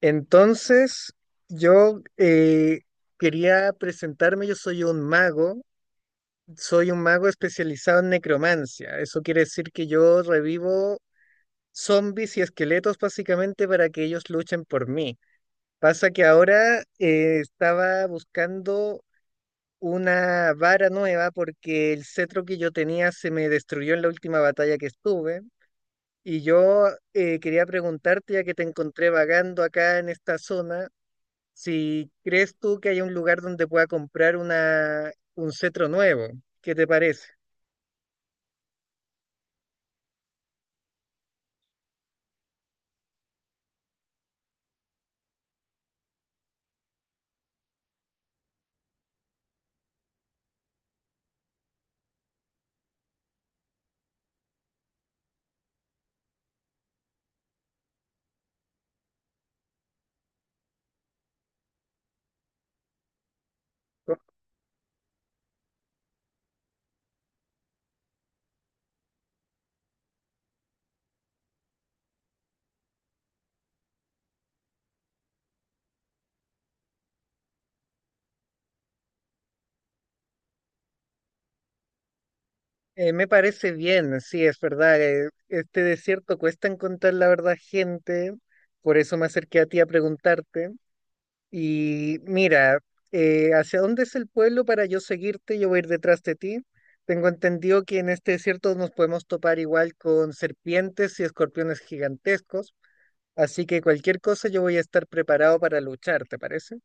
Entonces, yo quería presentarme, yo soy un mago especializado en necromancia. Eso quiere decir que yo revivo zombies y esqueletos básicamente para que ellos luchen por mí. Pasa que ahora estaba buscando una vara nueva porque el cetro que yo tenía se me destruyó en la última batalla que estuve. Y yo quería preguntarte, ya que te encontré vagando acá en esta zona, si crees tú que hay un lugar donde pueda comprar un cetro nuevo, ¿qué te parece? Me parece bien, sí, es verdad. Este desierto cuesta encontrar la verdad, gente. Por eso me acerqué a ti a preguntarte. Y mira, ¿hacia dónde es el pueblo para yo seguirte? Yo voy a ir detrás de ti. Tengo entendido que en este desierto nos podemos topar igual con serpientes y escorpiones gigantescos. Así que cualquier cosa yo voy a estar preparado para luchar, ¿te parece?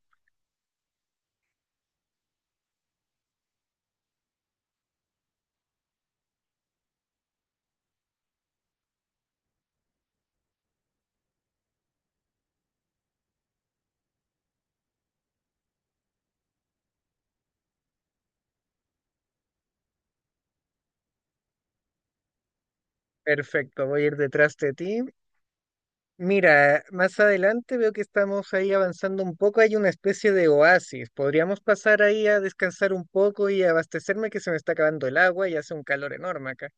Perfecto, voy a ir detrás de ti. Mira, más adelante veo que estamos ahí avanzando un poco. Hay una especie de oasis. Podríamos pasar ahí a descansar un poco y abastecerme que se me está acabando el agua y hace un calor enorme acá.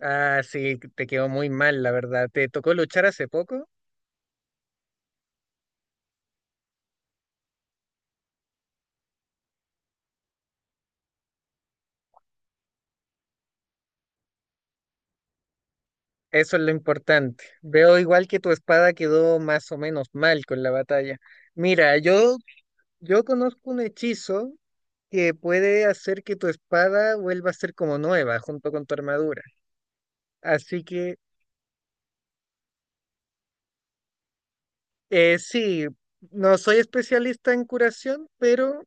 Ah, sí, te quedó muy mal, la verdad. ¿Te tocó luchar hace poco? Eso es lo importante. Veo igual que tu espada quedó más o menos mal con la batalla. Mira, yo conozco un hechizo que puede hacer que tu espada vuelva a ser como nueva junto con tu armadura. Así que sí, no soy especialista en curación, pero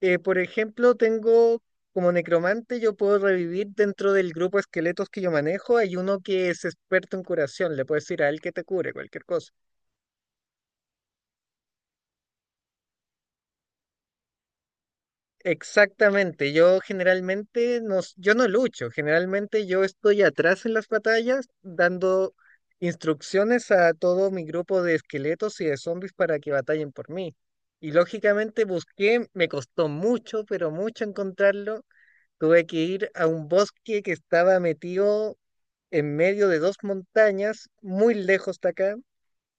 por ejemplo tengo como necromante, yo puedo revivir dentro del grupo de esqueletos que yo manejo, hay uno que es experto en curación, le puedes decir a él que te cure cualquier cosa. Exactamente, yo generalmente yo no lucho, generalmente yo estoy atrás en las batallas dando instrucciones a todo mi grupo de esqueletos y de zombies para que batallen por mí. Y lógicamente busqué, me costó mucho, pero mucho encontrarlo. Tuve que ir a un bosque que estaba metido en medio de dos montañas, muy lejos de acá,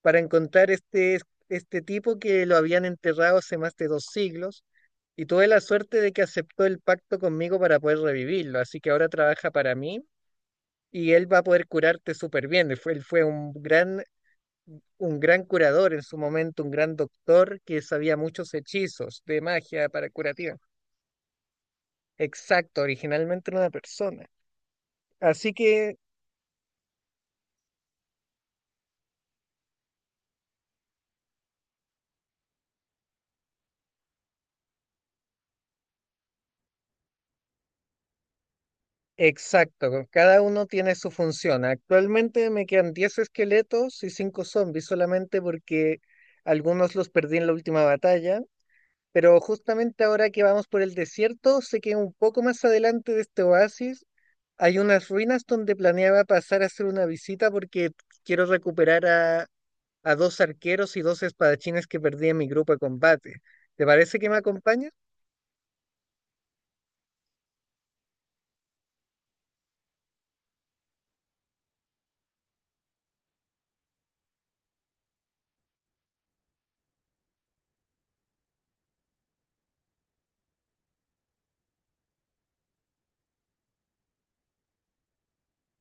para encontrar este tipo que lo habían enterrado hace más de 2 siglos y tuve la suerte de que aceptó el pacto conmigo para poder revivirlo, así que ahora trabaja para mí y él va a poder curarte súper bien. Él fue un gran curador en su momento, un gran doctor que sabía muchos hechizos de magia para curativa. Exacto, originalmente era una persona. Así que, exacto, cada uno tiene su función. Actualmente me quedan 10 esqueletos y 5 zombies solamente porque algunos los perdí en la última batalla. Pero justamente ahora que vamos por el desierto, sé que un poco más adelante de este oasis hay unas ruinas donde planeaba pasar a hacer una visita porque quiero recuperar a dos arqueros y dos espadachines que perdí en mi grupo de combate. ¿Te parece que me acompañas?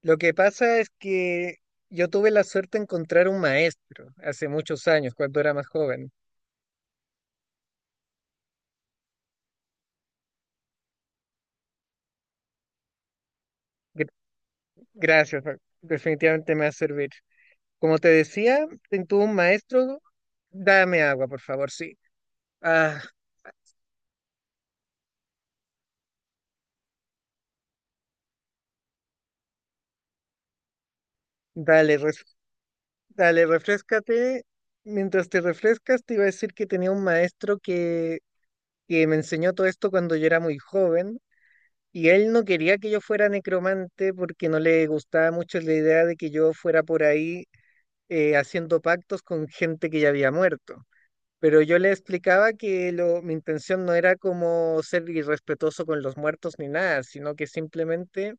Lo que pasa es que yo tuve la suerte de encontrar un maestro hace muchos años, cuando era más joven. Gr- Gracias, definitivamente me va a servir. Como te decía, tuve un maestro, dame agua, por favor, sí. Ah, Dale, res- dale, refrescate. Mientras te refrescas, te iba a decir que tenía un maestro que me enseñó todo esto cuando yo era muy joven y él no quería que yo fuera necromante porque no le gustaba mucho la idea de que yo fuera por ahí haciendo pactos con gente que ya había muerto. Pero yo le explicaba que mi intención no era como ser irrespetuoso con los muertos ni nada, sino que simplemente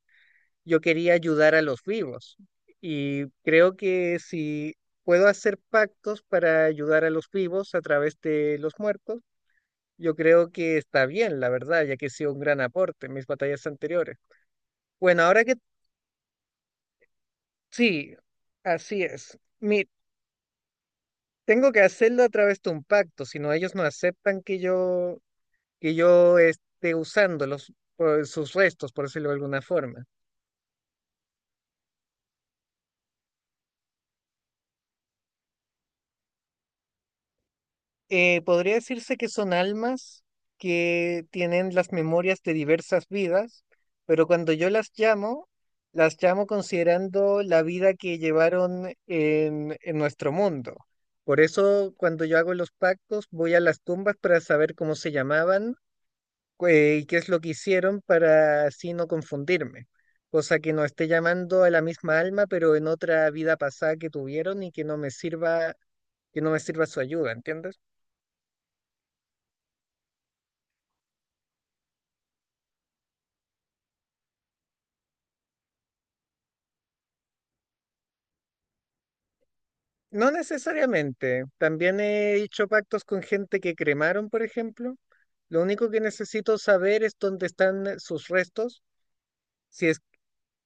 yo quería ayudar a los vivos y creo que si puedo hacer pactos para ayudar a los vivos a través de los muertos, yo creo que está bien, la verdad, ya que ha sido un gran aporte en mis batallas anteriores. Bueno, ahora que sí, así es. Tengo que hacerlo a través de un pacto, si no ellos no aceptan que yo esté usándolos por sus restos, por decirlo de alguna forma. Podría decirse que son almas que tienen las memorias de diversas vidas, pero cuando yo las llamo considerando la vida que llevaron en nuestro mundo. Por eso, cuando yo hago los pactos, voy a las tumbas para saber cómo se llamaban, y qué es lo que hicieron para así no confundirme. Cosa que no esté llamando a la misma alma, pero en otra vida pasada que tuvieron y que no me sirva, que no me sirva su ayuda, ¿entiendes? No necesariamente. También he hecho pactos con gente que cremaron, por ejemplo. Lo único que necesito saber es dónde están sus restos, si es,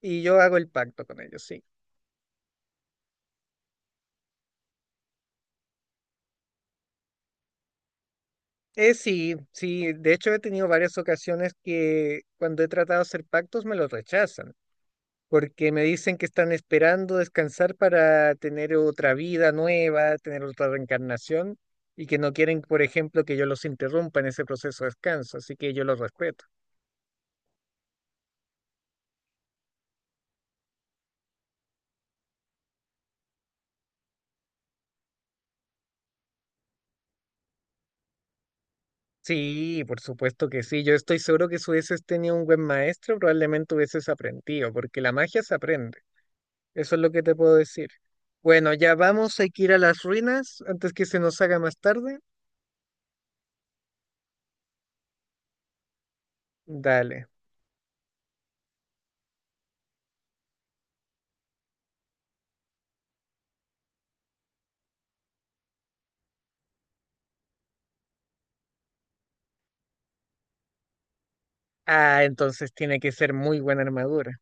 y yo hago el pacto con ellos, sí. Sí, sí, de hecho he tenido varias ocasiones que cuando he tratado de hacer pactos me los rechazan, porque me dicen que están esperando descansar para tener otra vida nueva, tener otra reencarnación, y que no quieren, por ejemplo, que yo los interrumpa en ese proceso de descanso, así que yo los respeto. Sí, por supuesto que sí. Yo estoy seguro que si hubieses tenido un buen maestro, probablemente hubieses aprendido, porque la magia se aprende. Eso es lo que te puedo decir. Bueno, ya vamos, hay que ir a las ruinas antes que se nos haga más tarde. Dale. Ah, entonces tiene que ser muy buena armadura.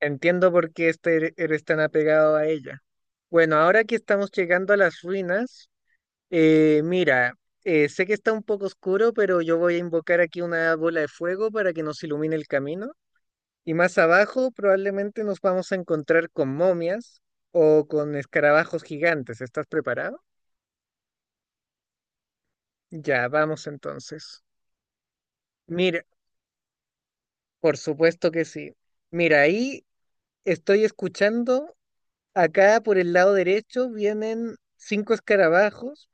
Entiendo por qué eres tan apegado a ella. Bueno, ahora que estamos llegando a las ruinas, mira, sé que está un poco oscuro, pero yo voy a invocar aquí una bola de fuego para que nos ilumine el camino. Y más abajo probablemente nos vamos a encontrar con momias o con escarabajos gigantes. ¿Estás preparado? Ya, vamos entonces. Mira, por supuesto que sí. Mira, ahí estoy escuchando. Acá por el lado derecho vienen cinco escarabajos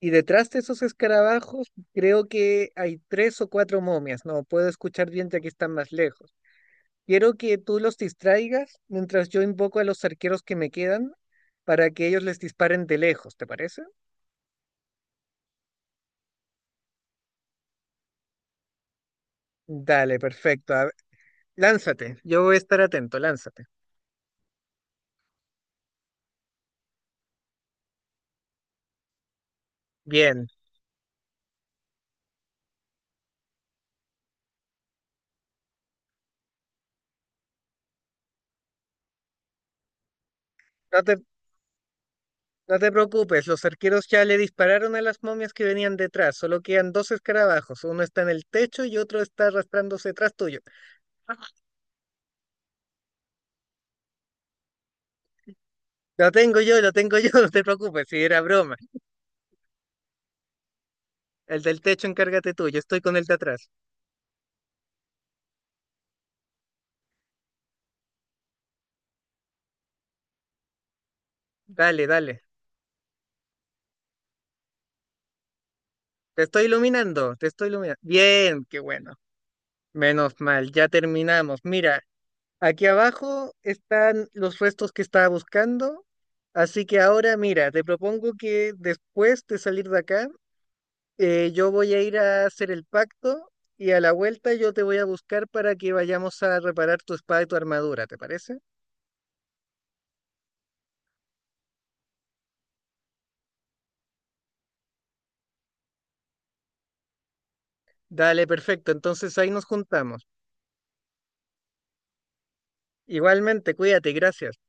y detrás de esos escarabajos creo que hay tres o cuatro momias. No puedo escuchar bien ya que están más lejos. Quiero que tú los distraigas mientras yo invoco a los arqueros que me quedan para que ellos les disparen de lejos, ¿te parece? Dale, perfecto. A ver, lánzate, yo voy a estar atento, lánzate. Bien, no te, no te preocupes, los arqueros ya le dispararon a las momias que venían detrás, solo quedan dos escarabajos, uno está en el techo y otro está arrastrándose detrás tuyo. Lo tengo yo, no te preocupes, si era broma. El del techo encárgate tú, yo estoy con el de atrás. Dale, dale. Te estoy iluminando. Bien, qué bueno. Menos mal, ya terminamos. Mira, aquí abajo están los restos que estaba buscando. Así que ahora, mira, te propongo que después de salir de acá, yo voy a ir a hacer el pacto y a la vuelta yo te voy a buscar para que vayamos a reparar tu espada y tu armadura, ¿te parece? Dale, perfecto. Entonces ahí nos juntamos. Igualmente, cuídate, gracias.